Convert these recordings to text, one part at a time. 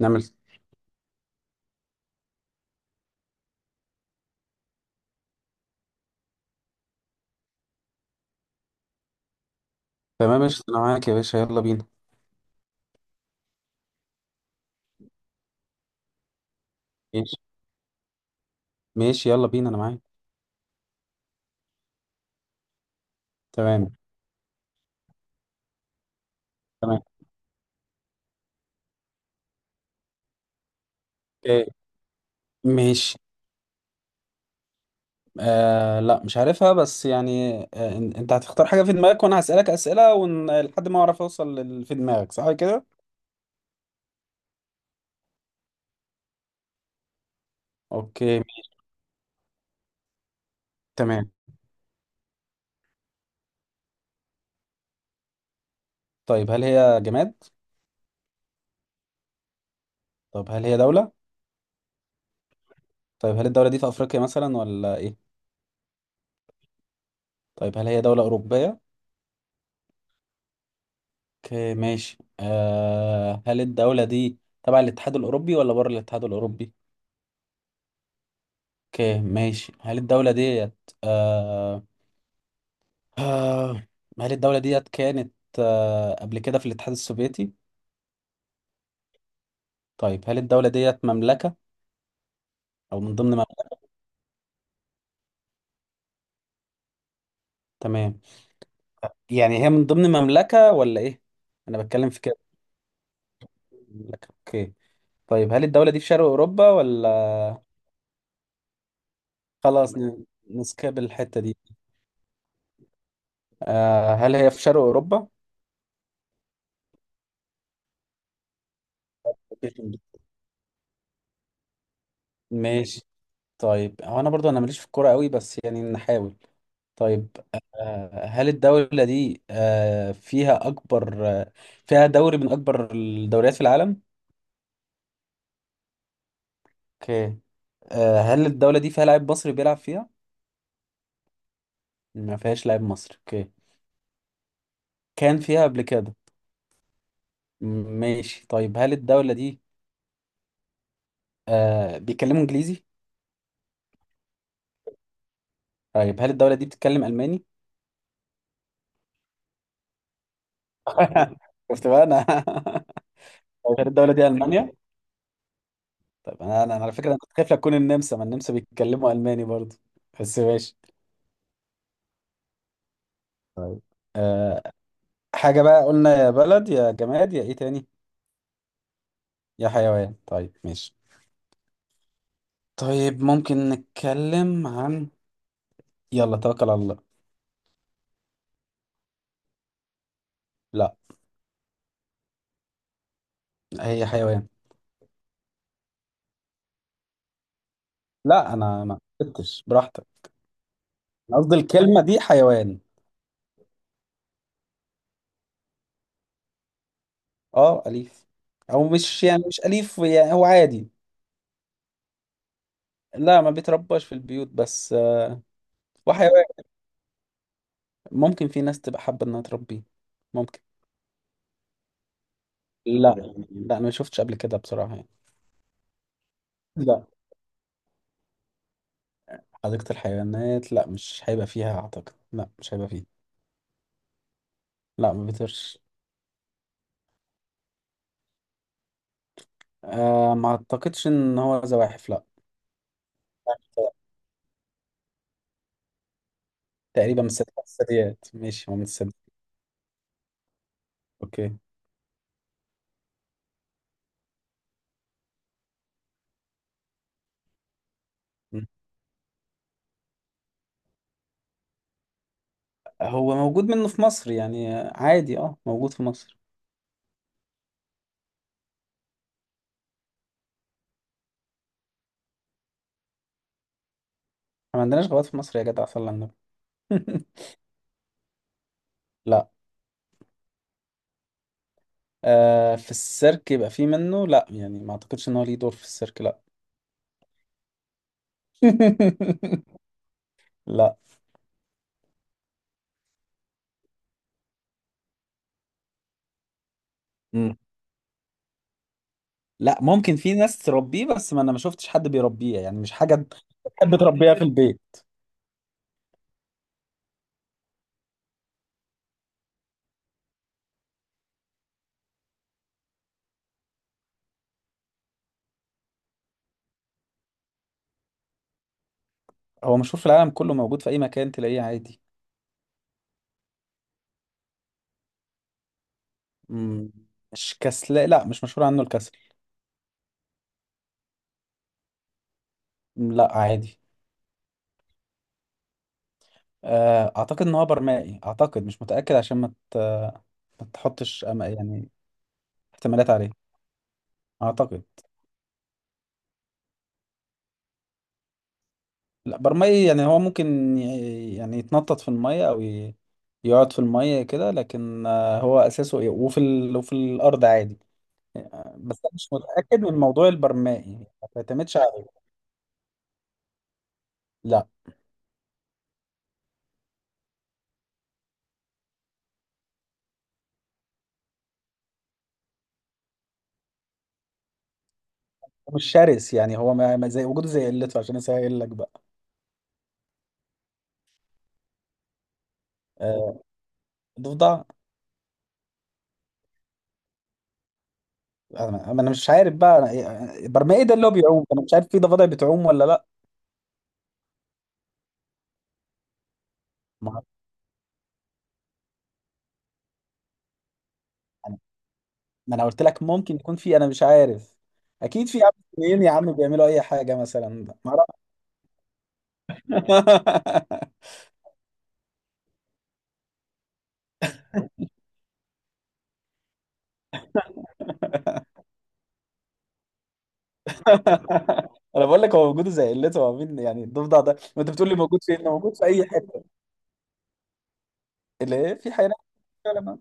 نعمل. تمام ماشي، انا معاك يا باشا، يلا بينا. ماشي ماشي، يلا بينا انا معاك. تمام تمام. إيه. ماشي. لا مش عارفها، بس يعني انت هتختار حاجة في دماغك وانا هسألك أسئلة لحد ما اعرف اوصل في دماغك، صح كده. اوكي تمام. طيب هل هي جماد؟ طب هل هي دولة؟ طيب هل الدولة دي في افريقيا مثلا ولا ايه؟ طيب هل هي دولة أوروبية؟ اوكي ماشي. هل الدولة دي تبع الاتحاد الأوروبي ولا بره الاتحاد الأوروبي؟ اوكي ماشي. آه آه هل الدولة ديت كانت قبل كده في الاتحاد السوفيتي؟ طيب هل الدولة ديت مملكة أو من ضمن مملكة؟ تمام. يعني هي من ضمن مملكة ولا إيه؟ أنا بتكلم في كده مملكة. اوكي. طيب هل الدولة دي في شرق أوروبا ولا... خلاص نسكاب الحتة دي. هل هي في شرق أوروبا؟ ماشي. طيب هو أنا برضو أنا ماليش في الكورة قوي، بس يعني نحاول. طيب هل الدولة دي فيها أكبر فيها دوري من أكبر الدوريات في العالم؟ اوكي. هل الدولة دي فيها لاعب مصري بيلعب فيها؟ ما فيهاش لاعب مصري. اوكي. كان فيها قبل كده. م- ماشي. طيب هل الدولة دي بيتكلموا إنجليزي؟ طيب هل الدولة دي بتتكلم ألماني؟ شفت بقى أنا. طيب هل الدولة دي ألمانيا؟ طيب أنا على فكرة أنا كنت خايف لا تكون النمسا، ما النمسا بيتكلموا ألماني برضه. بس ماشي. طيب آه حاجة بقى، قلنا يا بلد يا جماد يا ايه تاني؟ يا حيوان. طيب ماشي. طيب ممكن نتكلم عن... يلا توكل على الله. لا. هي حيوان. لا انا ما قلتش براحتك، أنا قصدي الكلمة دي حيوان. اه أليف، او مش يعني مش أليف، يعني هو عادي. لا ما بيترباش في البيوت، بس وحيوان. ممكن في ناس تبقى حابة انها تربيه. ممكن. لا. لا انا ما شفتش قبل كده بصراحة يعني. لا، حديقة الحيوانات لا مش هيبقى فيها اعتقد، لا مش هيبقى فيها. لا ما بيطيرش. ما اعتقدش ان هو زواحف، لا. تقريبا من الثدييات، ماشي هو من الثدييات. اوكي. م. هو موجود منه في مصر، يعني عادي، موجود في مصر. احنا ما عندناش غابات في مصر يا جدع، صلى على النبي. لا. آه في السيرك يبقى في منه، لا يعني ما اعتقدش ان هو ليه دور في السيرك، لا. لا. مم. لا ممكن في ناس تربيه، بس ما انا ما شفتش حد بيربيه، يعني مش حاجة تحب تربيها في البيت. هو مشهور في العالم كله، موجود في اي مكان تلاقيه عادي. مم. مش كسل، لا مش مشهور عنه الكسل. لا عادي. اعتقد ان هو برمائي، اعتقد مش متاكد، عشان ما تحطش يعني احتمالات عليه، اعتقد. لا برمائي يعني هو ممكن يعني يتنطط في الميه او يقعد في الميه كده، لكن هو اساسه ايه، وفي الارض عادي. بس أنا مش متاكد من موضوع البرمائي. ما تعتمدش عليه. لا مش شرس، يعني هو ما زي وجوده زي قلته، عشان اسهل لك بقى. آه، ضفدع. أما أنا مش عارف بقى برمائي ايه ده اللي هو بيعوم، انا مش عارف في ضفادع بتعوم ولا لا. ما أعرف. أنا- ما انا قلت لك ممكن يكون في، انا مش عارف. اكيد في يا عم، اتنين يا عم بيعملوا اي حاجه مثلا. ما أعرف. انا بقول لك هو وجوده زي قلته، هو مين يعني الضفدع ده وانت بتقول لي موجود فين، ده موجود في اي حته اللي هي في حيوانات، فعلا ما-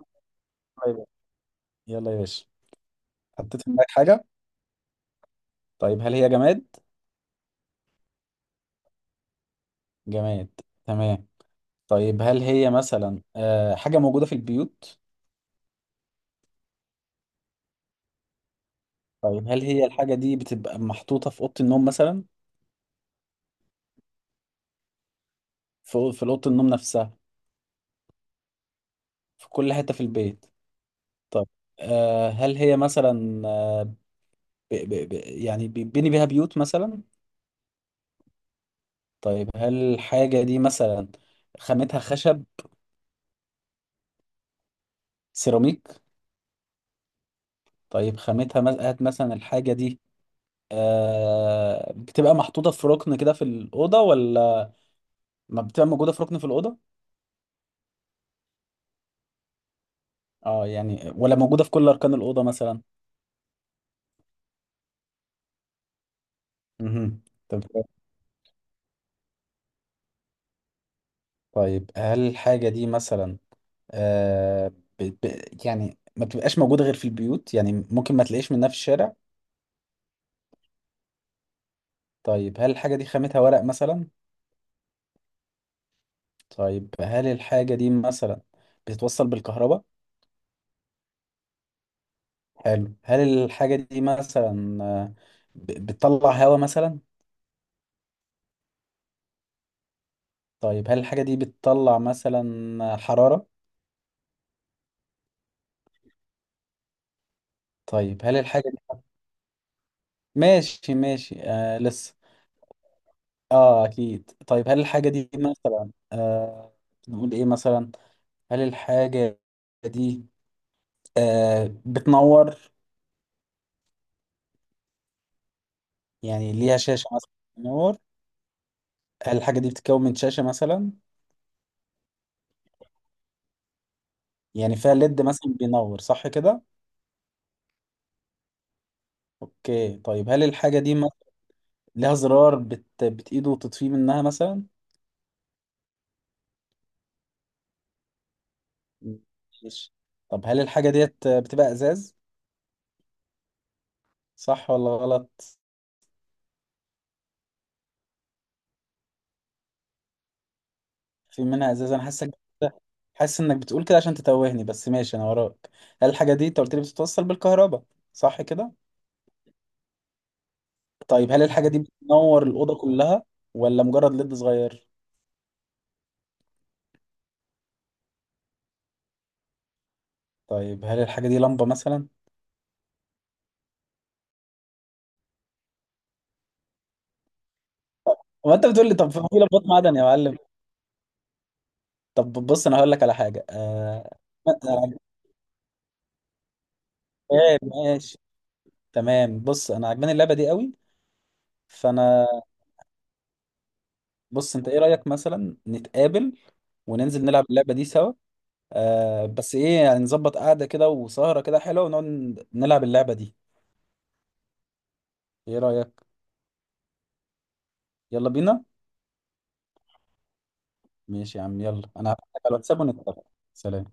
طيب. يلا يا باشا. حطيت في دماغك حاجه؟ طيب هل هي جماد؟ جماد. تمام. طيب هل هي مثلا حاجه موجوده في البيوت؟ طيب هل هي الحاجة دي بتبقى محطوطة في أوضة النوم مثلا؟ في في أوضة النوم نفسها؟ في كل حتة في البيت. طب هل هي مثلا ب ب ب يعني بيبني بيها بيوت مثلا؟ طيب هل الحاجة دي مثلا خامتها خشب؟ سيراميك؟ طيب خامتها هات مثلا الحاجة دي بتبقى محطوطة في ركن كده في الأوضة، ولا ما بتبقى موجودة في ركن في الأوضة؟ اه، يعني ولا موجودة في كل أركان الأوضة مثلا؟ مهم. طب طيب هل الحاجة دي مثلا آه يعني ما بتبقاش موجودة غير في البيوت، يعني ممكن ما تلاقيش منها في الشارع؟ طيب هل الحاجة دي خامتها ورق مثلا؟ طيب هل الحاجة دي مثلا بتتوصل بالكهرباء؟ حلو. هل الحاجة دي مثلا بتطلع هواء مثلا؟ طيب هل الحاجة دي بتطلع مثلا حرارة؟ طيب هل الحاجة دي... ماشي ماشي، لسه. اه اكيد. طيب هل الحاجة دي مثلا نقول ايه مثلا؟ هل الحاجة دي بتنور؟ يعني ليها شاشة مثلا بتنور؟ هل الحاجة دي بتتكون من شاشة مثلا؟ يعني فيها ليد مثلا بينور، صح كده؟ اوكي. طيب هل الحاجة دي ليها زرار بتإيده وتطفيه منها مثلا؟ ماشي. طب هل الحاجة ديت بتبقى ازاز، صح ولا غلط؟ في منها ازاز، انا حاسس انك بتقول كده عشان تتوهني، بس ماشي انا وراك. هل الحاجة دي انت قلت لي بتتوصل بالكهرباء، صح كده؟ طيب هل الحاجة دي بتنور الأوضة كلها ولا مجرد ليد صغير؟ طيب هل الحاجة دي لمبة مثلا؟ هو انت بتقول لي طب في لمبات معدن يا معلم؟ طب بص انا هقول لك على حاجة أنا عجبان- ماشي. تمام. بص انا عجباني اللعبة دي قوي، فانا بص انت ايه رأيك مثلا نتقابل وننزل نلعب اللعبة دي سوا، بس ايه يعني نظبط قعدة كده وسهرة كده حلوة ونقعد نلعب اللعبة دي، ايه رأيك؟ يلا بينا. ماشي يا عم، يلا انا هبعت لك على الواتساب ونتفق. سلام.